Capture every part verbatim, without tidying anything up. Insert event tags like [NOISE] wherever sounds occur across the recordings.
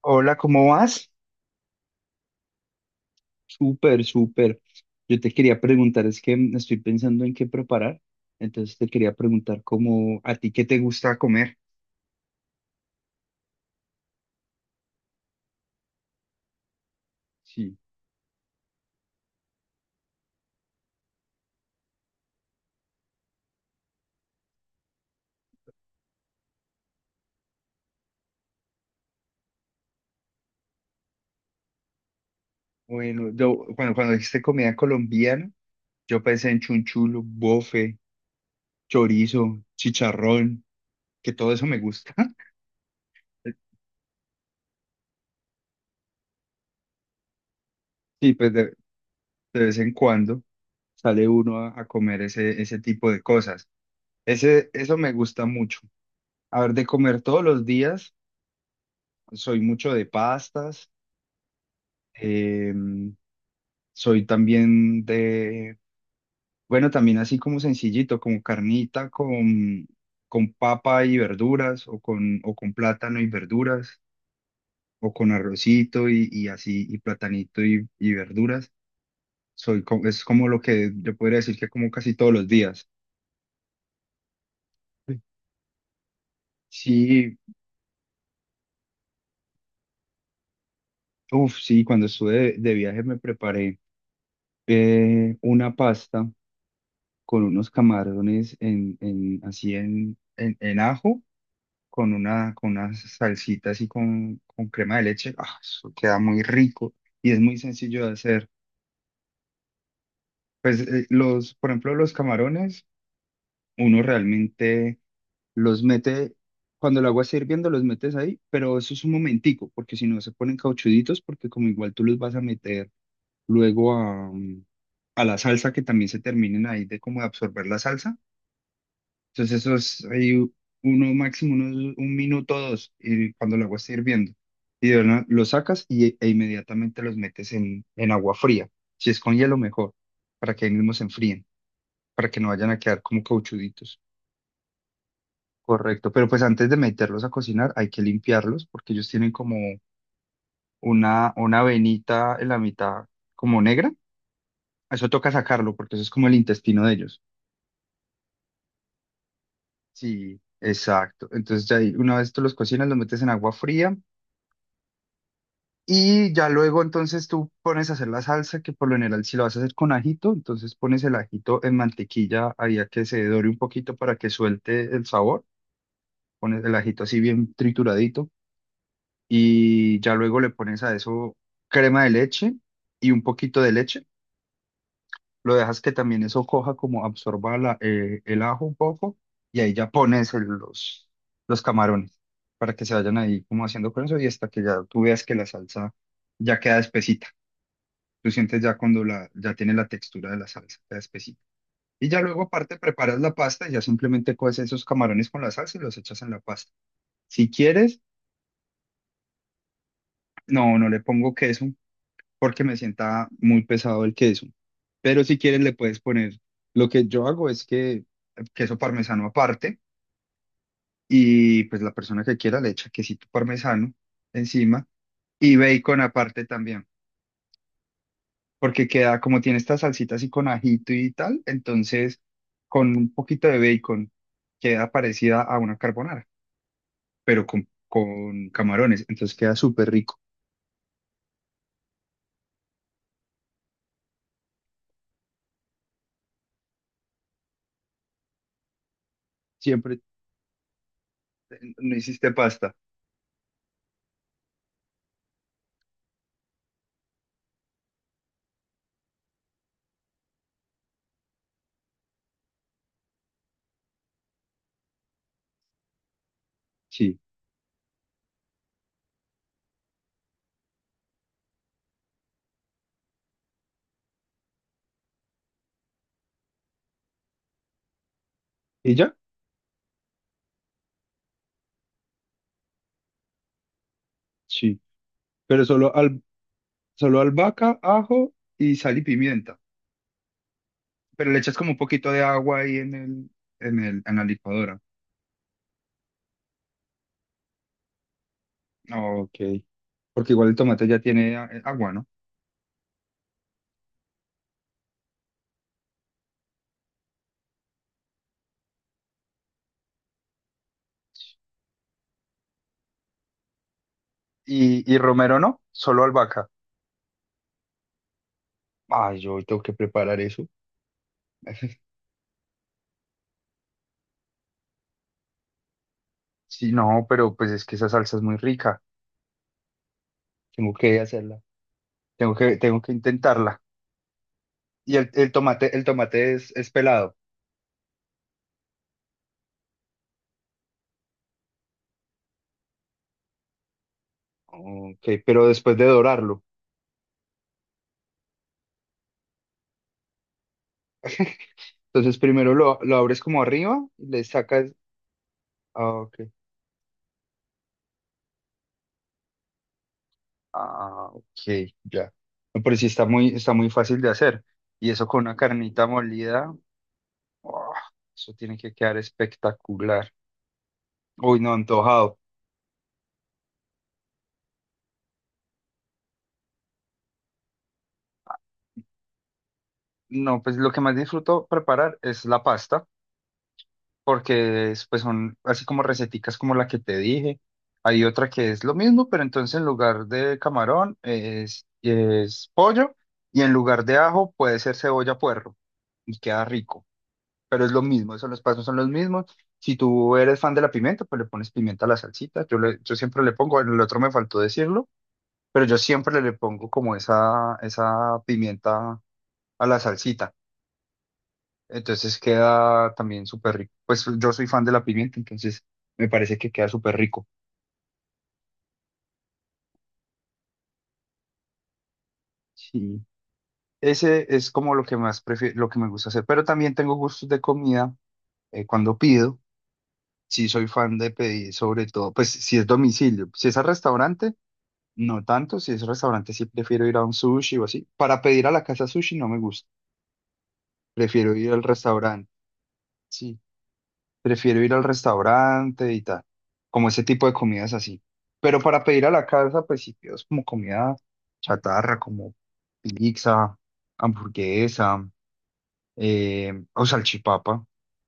Hola, ¿cómo vas? Súper, súper. Yo te quería preguntar, es que estoy pensando en qué preparar, entonces te quería preguntar cómo a ti qué te gusta comer. Sí. Bueno, yo cuando, cuando dijiste comida colombiana, yo pensé en chunchulo, bofe, chorizo, chicharrón, que todo eso me gusta. [LAUGHS] Sí, pues de, de vez en cuando sale uno a, a comer ese, ese tipo de cosas. Ese, eso me gusta mucho. A ver, de comer todos los días, soy mucho de pastas. Eh, Soy también de, bueno, también así como sencillito, como carnita, con, con papa y verduras, o con, o con plátano y verduras, o con arrocito y, y así, y platanito y, y verduras. Soy, co- es como lo que yo podría decir que como casi todos los días. Sí, uff, sí, cuando estuve de, de viaje me preparé eh, una pasta con unos camarones en, en, así en, en, en ajo con una, con unas salsitas y con, con crema de leche, ah, eso queda muy rico y es muy sencillo de hacer. Pues eh, los, por ejemplo, los camarones, uno realmente los mete, cuando el agua está hirviendo, los metes ahí, pero eso es un momentico, porque si no se ponen cauchuditos, porque como igual tú los vas a meter luego a, mm, a la salsa, que también se terminen ahí de como de absorber la salsa. Entonces eso es ahí u- uno máximo unos- un minuto o dos y cuando el agua esté hirviendo. Y de verdad lo sacas y, e e inmediatamente los metes en, en agua fría. Si es con hielo, mejor, para que ahí mismo se enfríen, para que no vayan a quedar como cauchuditos. Correcto, pero pues antes de meterlos a cocinar hay que limpiarlos porque ellos tienen como una, una venita en la mitad como negra. Eso toca sacarlo porque eso es como el intestino de ellos. Sí, exacto. Entonces ya ahí, una vez tú los cocinas, los metes en agua fría. Y ya luego entonces tú pones a hacer la salsa, que por lo general si lo vas a hacer con ajito, entonces pones el ajito en mantequilla ahí a que se dore un poquito para que suelte el sabor, pones el ajito así bien trituradito y ya luego le pones a eso crema de leche y un poquito de leche, lo dejas que también eso coja como absorba la- eh, el ajo un poco y ahí ya pones el- los, los camarones para que se vayan ahí como haciendo con eso y hasta que ya tú veas que la salsa ya queda espesita. Tú sientes ya cuando la, ya tiene la textura de la salsa, la espesita. Y ya luego aparte preparas la pasta y ya simplemente coces esos camarones con la salsa y los echas en la pasta. Si quieres, no, no le pongo queso porque me sienta muy pesado el queso. Pero si quieres le puedes poner, lo que yo hago es que eh, queso parmesano aparte y pues la persona que quiera le echa quesito parmesano encima, y bacon aparte también. Porque queda, como tiene esta salsita así con ajito y tal, entonces con un poquito de bacon queda parecida a una carbonara, pero con, con camarones, entonces queda súper rico. Siempre eh, no hiciste pasta, sí. ¿Y ya? Sí, pero solo, al, solo albahaca, ajo y sal y pimienta, pero le echas como un poquito de agua ahí en el, en el, en la licuadora. Ok, porque igual el tomate ya tiene a- agua, ¿no? Y, y romero no, solo albahaca. Ay, yo hoy tengo que preparar eso. Sí, no, pero pues es que esa salsa es muy rica. Tengo que hacerla. Tengo que, tengo que intentarla. Y el, el tomate, el tomate es, es pelado. Ok, pero después de dorarlo. Entonces primero lo, lo abres como arriba y le sacas. Ah, ok. Ah, ok, ya. No, pero sí está muy, está muy fácil de hacer. Y eso con una carnita molida. ¡Ah! Eso tiene que quedar espectacular. Uy, no, antojado. No, pues lo que más disfruto preparar es la pasta. Porque es, pues son así como receticas como la que te dije. Hay otra que es lo mismo, pero entonces en lugar de camarón es, es pollo y en lugar de ajo puede ser cebolla puerro y queda rico, pero es lo mismo, esos los pasos son los mismos. Si tú eres fan de la pimienta, pues le pones pimienta a la salsita. Yo, le- yo siempre le pongo, el otro me faltó decirlo, pero yo siempre le, le pongo como esa, esa pimienta a la salsita. Entonces queda también súper rico. Pues yo soy fan de la pimienta, entonces me parece que queda súper rico. Sí. Ese es como lo que más prefiero, lo que me gusta hacer. Pero también tengo gustos de comida, eh, cuando pido. Sí, soy fan de pedir, sobre todo, pues si es domicilio. Si es al restaurante, no tanto. Si es restaurante, sí prefiero ir a un sushi o así. Para pedir a la casa sushi no me gusta. Prefiero ir al restaurante. Sí. Prefiero ir al restaurante y tal, como ese tipo de comidas así. Pero para pedir a la casa, pues sí pido es como comida chatarra, como pizza, hamburguesa, eh, o salchipapa.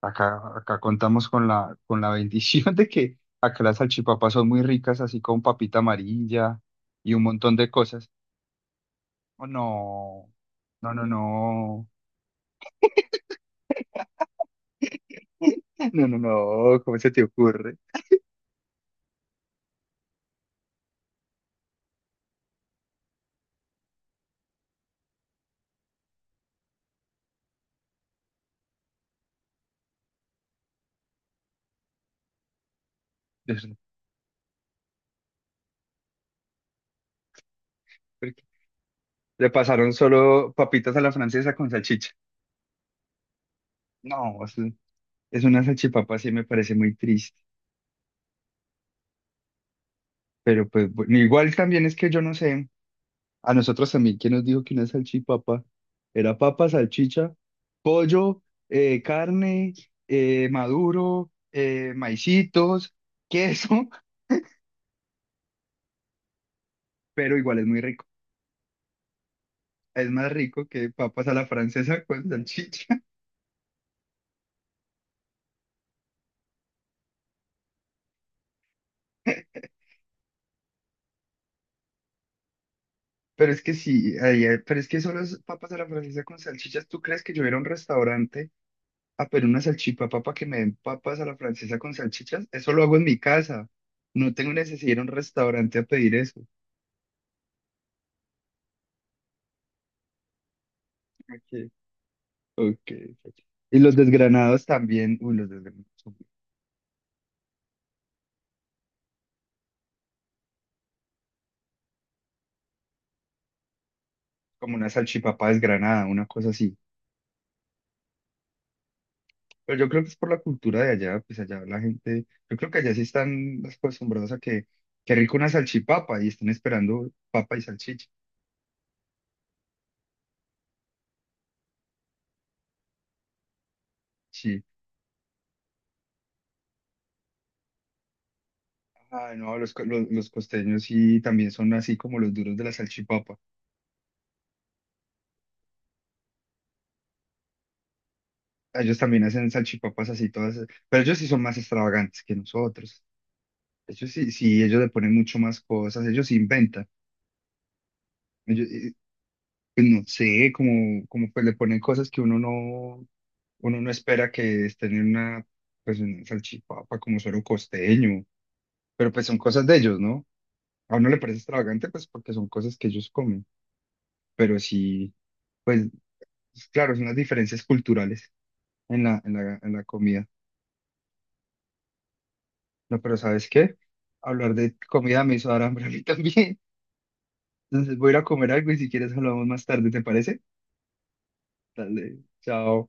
Acá, acá contamos con la, con la bendición [LAUGHS] de que acá las salchipapas son muy ricas, así con papita amarilla y un montón de cosas. Oh, no, no, no, no, [LAUGHS] no, no, no, ¿cómo se te ocurre? [LAUGHS] Le pasaron solo papitas a la francesa con salchicha. No, es, es una salchipapa, sí me parece muy triste. Pero pues bueno, igual también es que yo no sé, a nosotros también, ¿quién nos dijo que una salchipapa era papa, salchicha, pollo, eh, carne, eh, maduro, eh, maicitos, queso? [LAUGHS] Pero igual es muy rico. Es más rico que papas a la francesa con salchicha. [LAUGHS] Pero es que sí, ay, ay, pero es que solo es papas a la francesa con salchichas. ¿Tú crees que yo era a un restaurante? Ah, pero una salchipapa para que me den papas a la francesa con salchichas, eso lo hago en mi casa. No tengo necesidad de ir a un restaurante a pedir eso. Ok, ok. Ok. Y los desgranados también, uy, los desgranados, son como una salchipapa desgranada, una cosa así. Pero yo creo que es por la cultura de allá, pues allá la gente, yo creo que allá sí están acostumbrados a que, qué rico una salchipapa y están esperando papa y salchicha. Sí. Ay, no, los, co- los, los costeños sí también son así como los duros de la salchipapa. Ellos también hacen salchipapas así todas, pero ellos sí son más extravagantes que nosotros. Ellos sí, sí, ellos le ponen mucho más cosas, ellos sí inventan. Ellos, eh, pues no sé, como, como pues le ponen cosas que uno no, uno no espera que estén en una, pues en una salchipapa como suero costeño, pero pues son cosas de ellos, ¿no? A uno le parece extravagante pues porque son cosas que ellos comen, pero sí, pues claro, son las diferencias culturales en la, en la, en la comida. No, pero ¿sabes qué? Hablar de comida me hizo dar hambre a mí también. [LAUGHS] Entonces voy a ir a comer algo y si quieres hablamos más tarde, ¿te parece? Dale, chao.